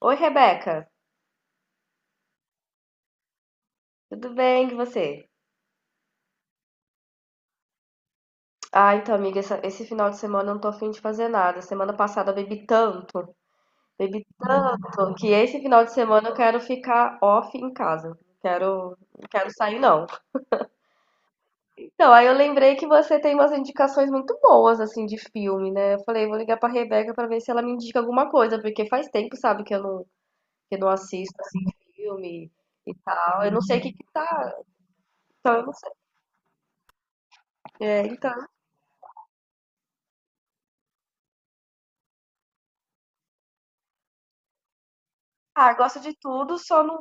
Oi, Rebeca. Tudo bem com você? Ah, então, amiga, esse final de semana eu não tô afim de fazer nada. Semana passada eu bebi tanto, que esse final de semana eu quero ficar off em casa. Não quero sair, não. Então, aí eu lembrei que você tem umas indicações muito boas, assim, de filme, né? Eu falei, vou ligar pra Rebeca pra ver se ela me indica alguma coisa, porque faz tempo, sabe, que eu não, assisto, assim, filme e tal. Eu não sei o que que tá. Então, eu não sei. É, então. Ah, gosto de tudo, só não,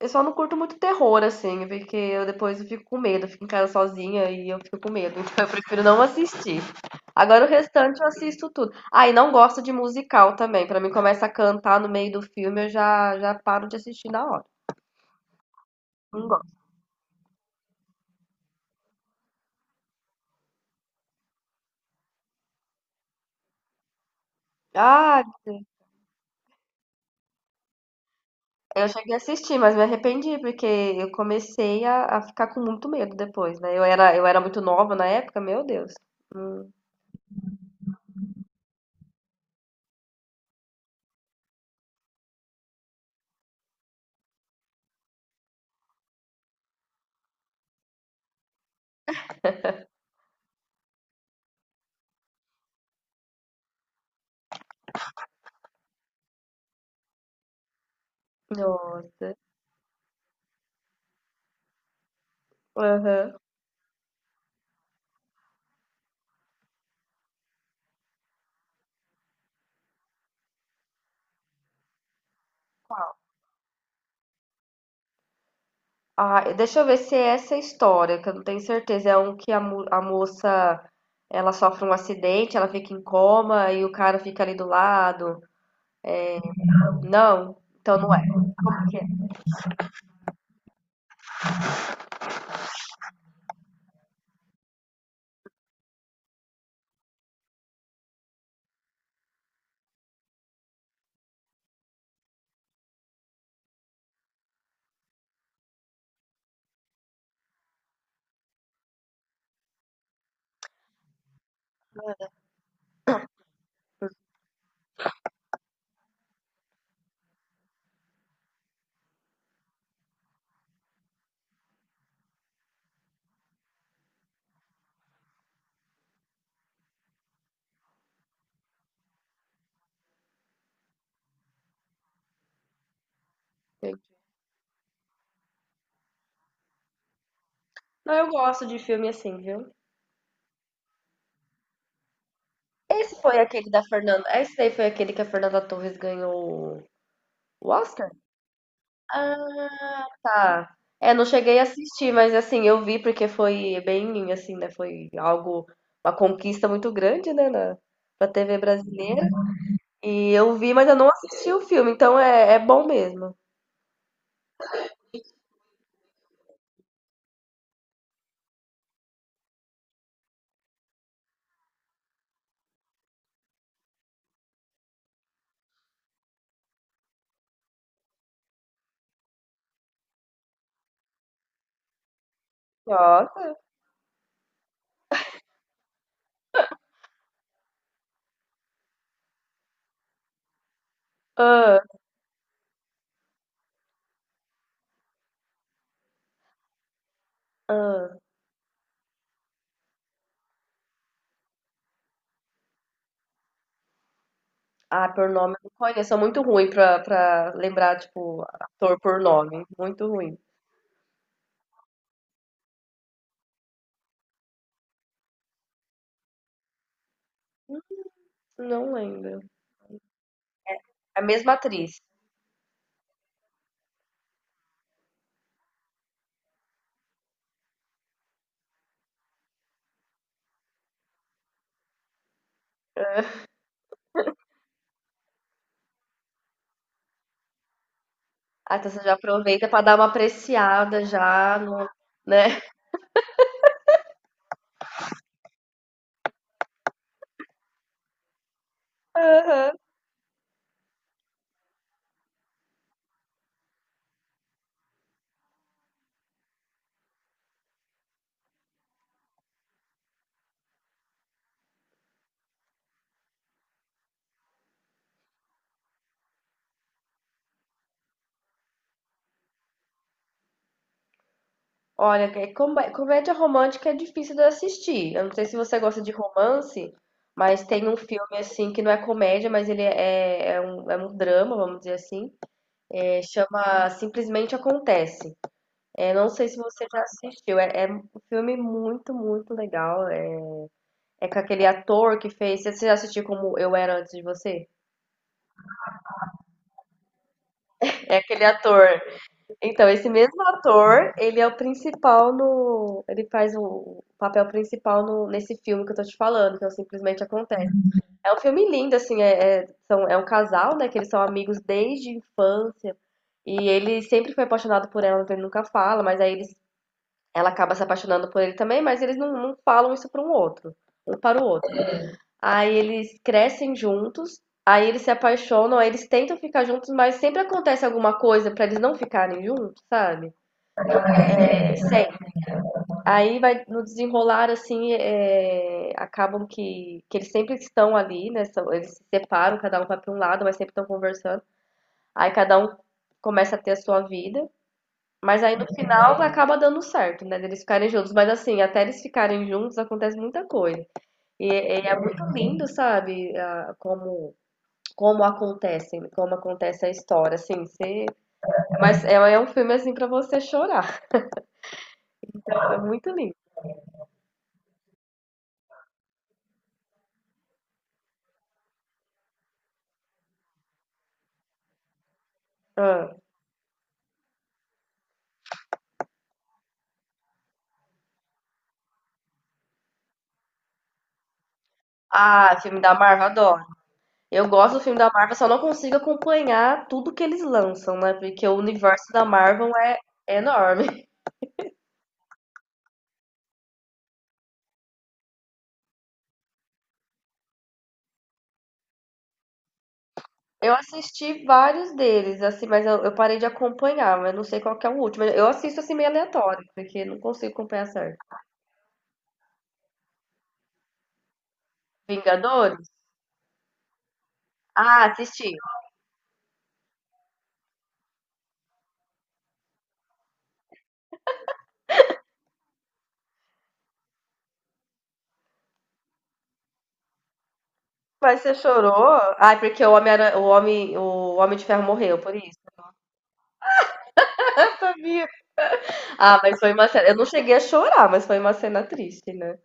curto muito terror, assim, porque eu depois eu fico com medo, eu fico em casa sozinha e eu fico com medo, então eu prefiro não assistir. Agora o restante eu assisto tudo. Ah, e não gosto de musical também, pra mim começa a cantar no meio do filme, eu já paro de assistir na hora. Não gosto. Ah, eu cheguei a assistir, mas me arrependi, porque eu comecei a ficar com muito medo depois, né? Eu era muito nova na época, meu Deus. Hum. Nossa. Aham. Ah, deixa eu ver se é essa história, que eu não tenho certeza. É um que a moça ela sofre um acidente, ela fica em coma e o cara fica ali do lado. Não? Então não é. Não, eu gosto de filme assim, viu? Esse foi aquele da Fernanda. Esse daí foi aquele que a Fernanda Torres ganhou o Oscar? Ah, tá. É, não cheguei a assistir, mas assim, eu vi porque foi bem, assim, né? Foi algo, uma conquista muito grande, né, pra TV brasileira. E eu vi, mas eu não assisti o filme, então é bom mesmo. Nossa. Ah, ah. Ah, por nome eu não conheço. Sou muito ruim pra lembrar, tipo, ator por nome. Muito ruim. Não lembro. É a mesma atriz. Ah, então você já aproveita pra dar uma apreciada já no, né? Aham. Olha, que comédia romântica é difícil de assistir. Eu não sei se você gosta de romance, mas tem um filme assim que não é comédia, mas ele é um drama, vamos dizer assim. É, chama Simplesmente Acontece. É, não sei se você já assistiu. É um filme muito, muito legal. É com aquele ator que fez. Você já assistiu Como Eu Era Antes de Você? É aquele ator. Então, esse mesmo ator, ele é o principal no. Ele faz o papel principal no, nesse filme que eu tô te falando, que é o Simplesmente Acontece. É um filme lindo, assim. É um casal, né? Que eles são amigos desde a infância. E ele sempre foi apaixonado por ela, mas ele nunca fala, mas aí eles ela acaba se apaixonando por ele também, mas eles não falam isso para um outro, um para o outro. Aí eles crescem juntos, aí eles se apaixonam, aí eles tentam ficar juntos, mas sempre acontece alguma coisa para eles não ficarem juntos, sabe? É, sempre. Aí vai no desenrolar assim, é, acabam que, eles sempre estão ali, né? Eles se separam, cada um vai para um lado, mas sempre estão conversando. Aí cada um começa a ter a sua vida. Mas aí no final acaba dando certo, né? Deles ficarem juntos. Mas assim, até eles ficarem juntos acontece muita coisa. E é muito lindo, sabe? Como acontece a história, assim. Você. Mas é um filme assim pra você chorar. É muito lindo. Ah, Ah, filme da Marvel, adoro. Eu gosto do filme da Marvel, só não consigo acompanhar tudo que eles lançam, né? Porque o universo da Marvel é enorme. Eu assisti vários deles, assim, mas eu parei de acompanhar, mas eu não sei qual que é o último. Eu assisto assim meio aleatório, porque não consigo acompanhar certo. Vingadores? Ah, assisti. Mas você chorou? Ai, porque o Homem de Ferro morreu por isso. Eu sabia. Ah, mas foi uma cena. Eu não cheguei a chorar, mas foi uma cena triste, né?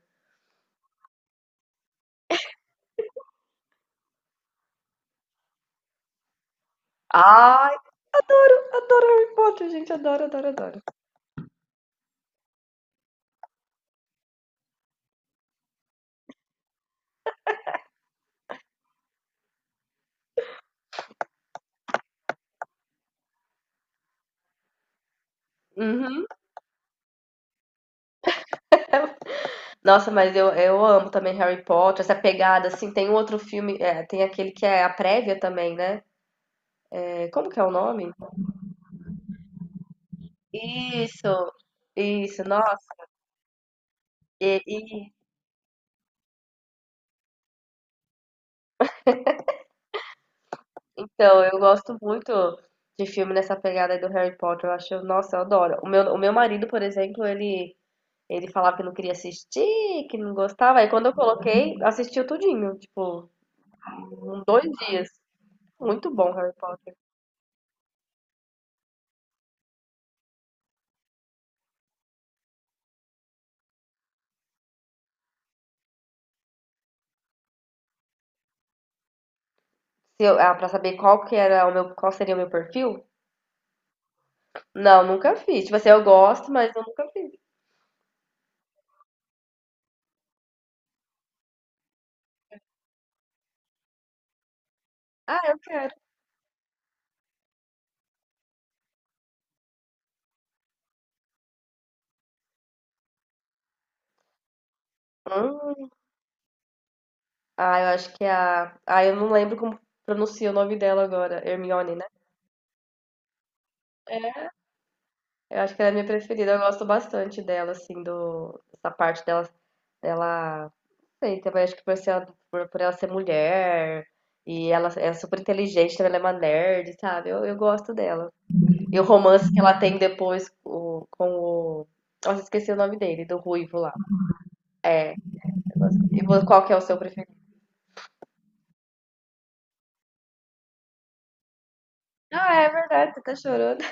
Ai, adoro Harry Potter, gente, adoro, adoro, adoro. Uhum. Nossa, mas eu amo também Harry Potter, essa pegada, assim, tem um outro filme, é, tem aquele que é a prévia também, né? Como que é o nome? Isso, isso, nossa. E, e- então, eu gosto muito de filme nessa pegada aí do Harry Potter. Eu acho, nossa, eu adoro. O meu marido, por exemplo, ele falava que não queria assistir, que não gostava. Aí quando eu coloquei, assistiu tudinho, tipo, em dois dias. Muito bom, Harry Potter. Se eu, pra saber qual que era o meu, qual seria o meu perfil? Não, nunca fiz. Tipo assim, eu gosto, mas eu nunca fiz. Ah, eu quero. Hum. Ah, eu acho que é a. Ah, eu não lembro como pronuncia o nome dela agora. Hermione, né? É. Eu acho que ela é minha preferida. Eu gosto bastante dela, assim, essa parte dela. Dela. Não sei, também acho que por ela ser mulher. E ela é super inteligente, também ela é uma nerd, sabe? Eu gosto dela. E o romance que ela tem depois com o. Nossa, esqueci o nome dele, do Ruivo lá. É. Eu gosto. E qual que é o seu preferido? Ah, é verdade, você tá chorando.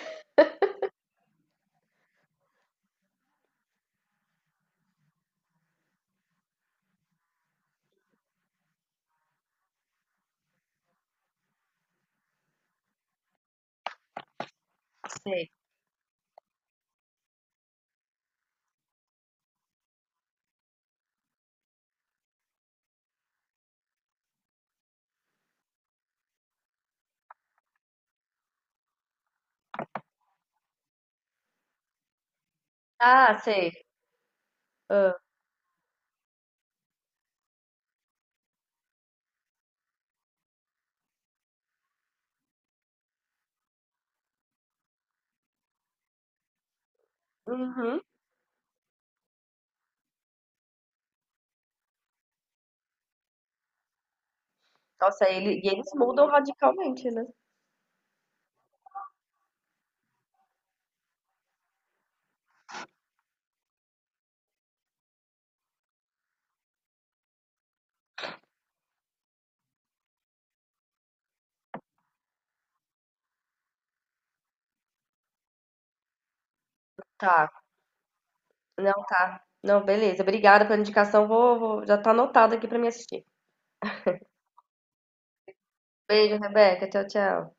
Sei. Ah, sei. Ah, uhum. Nossa, e eles mudam radicalmente, né? Tá, não tá. Não, beleza. Obrigada pela indicação. Já tá anotado aqui pra me assistir. Beijo, Rebeca. Tchau, tchau.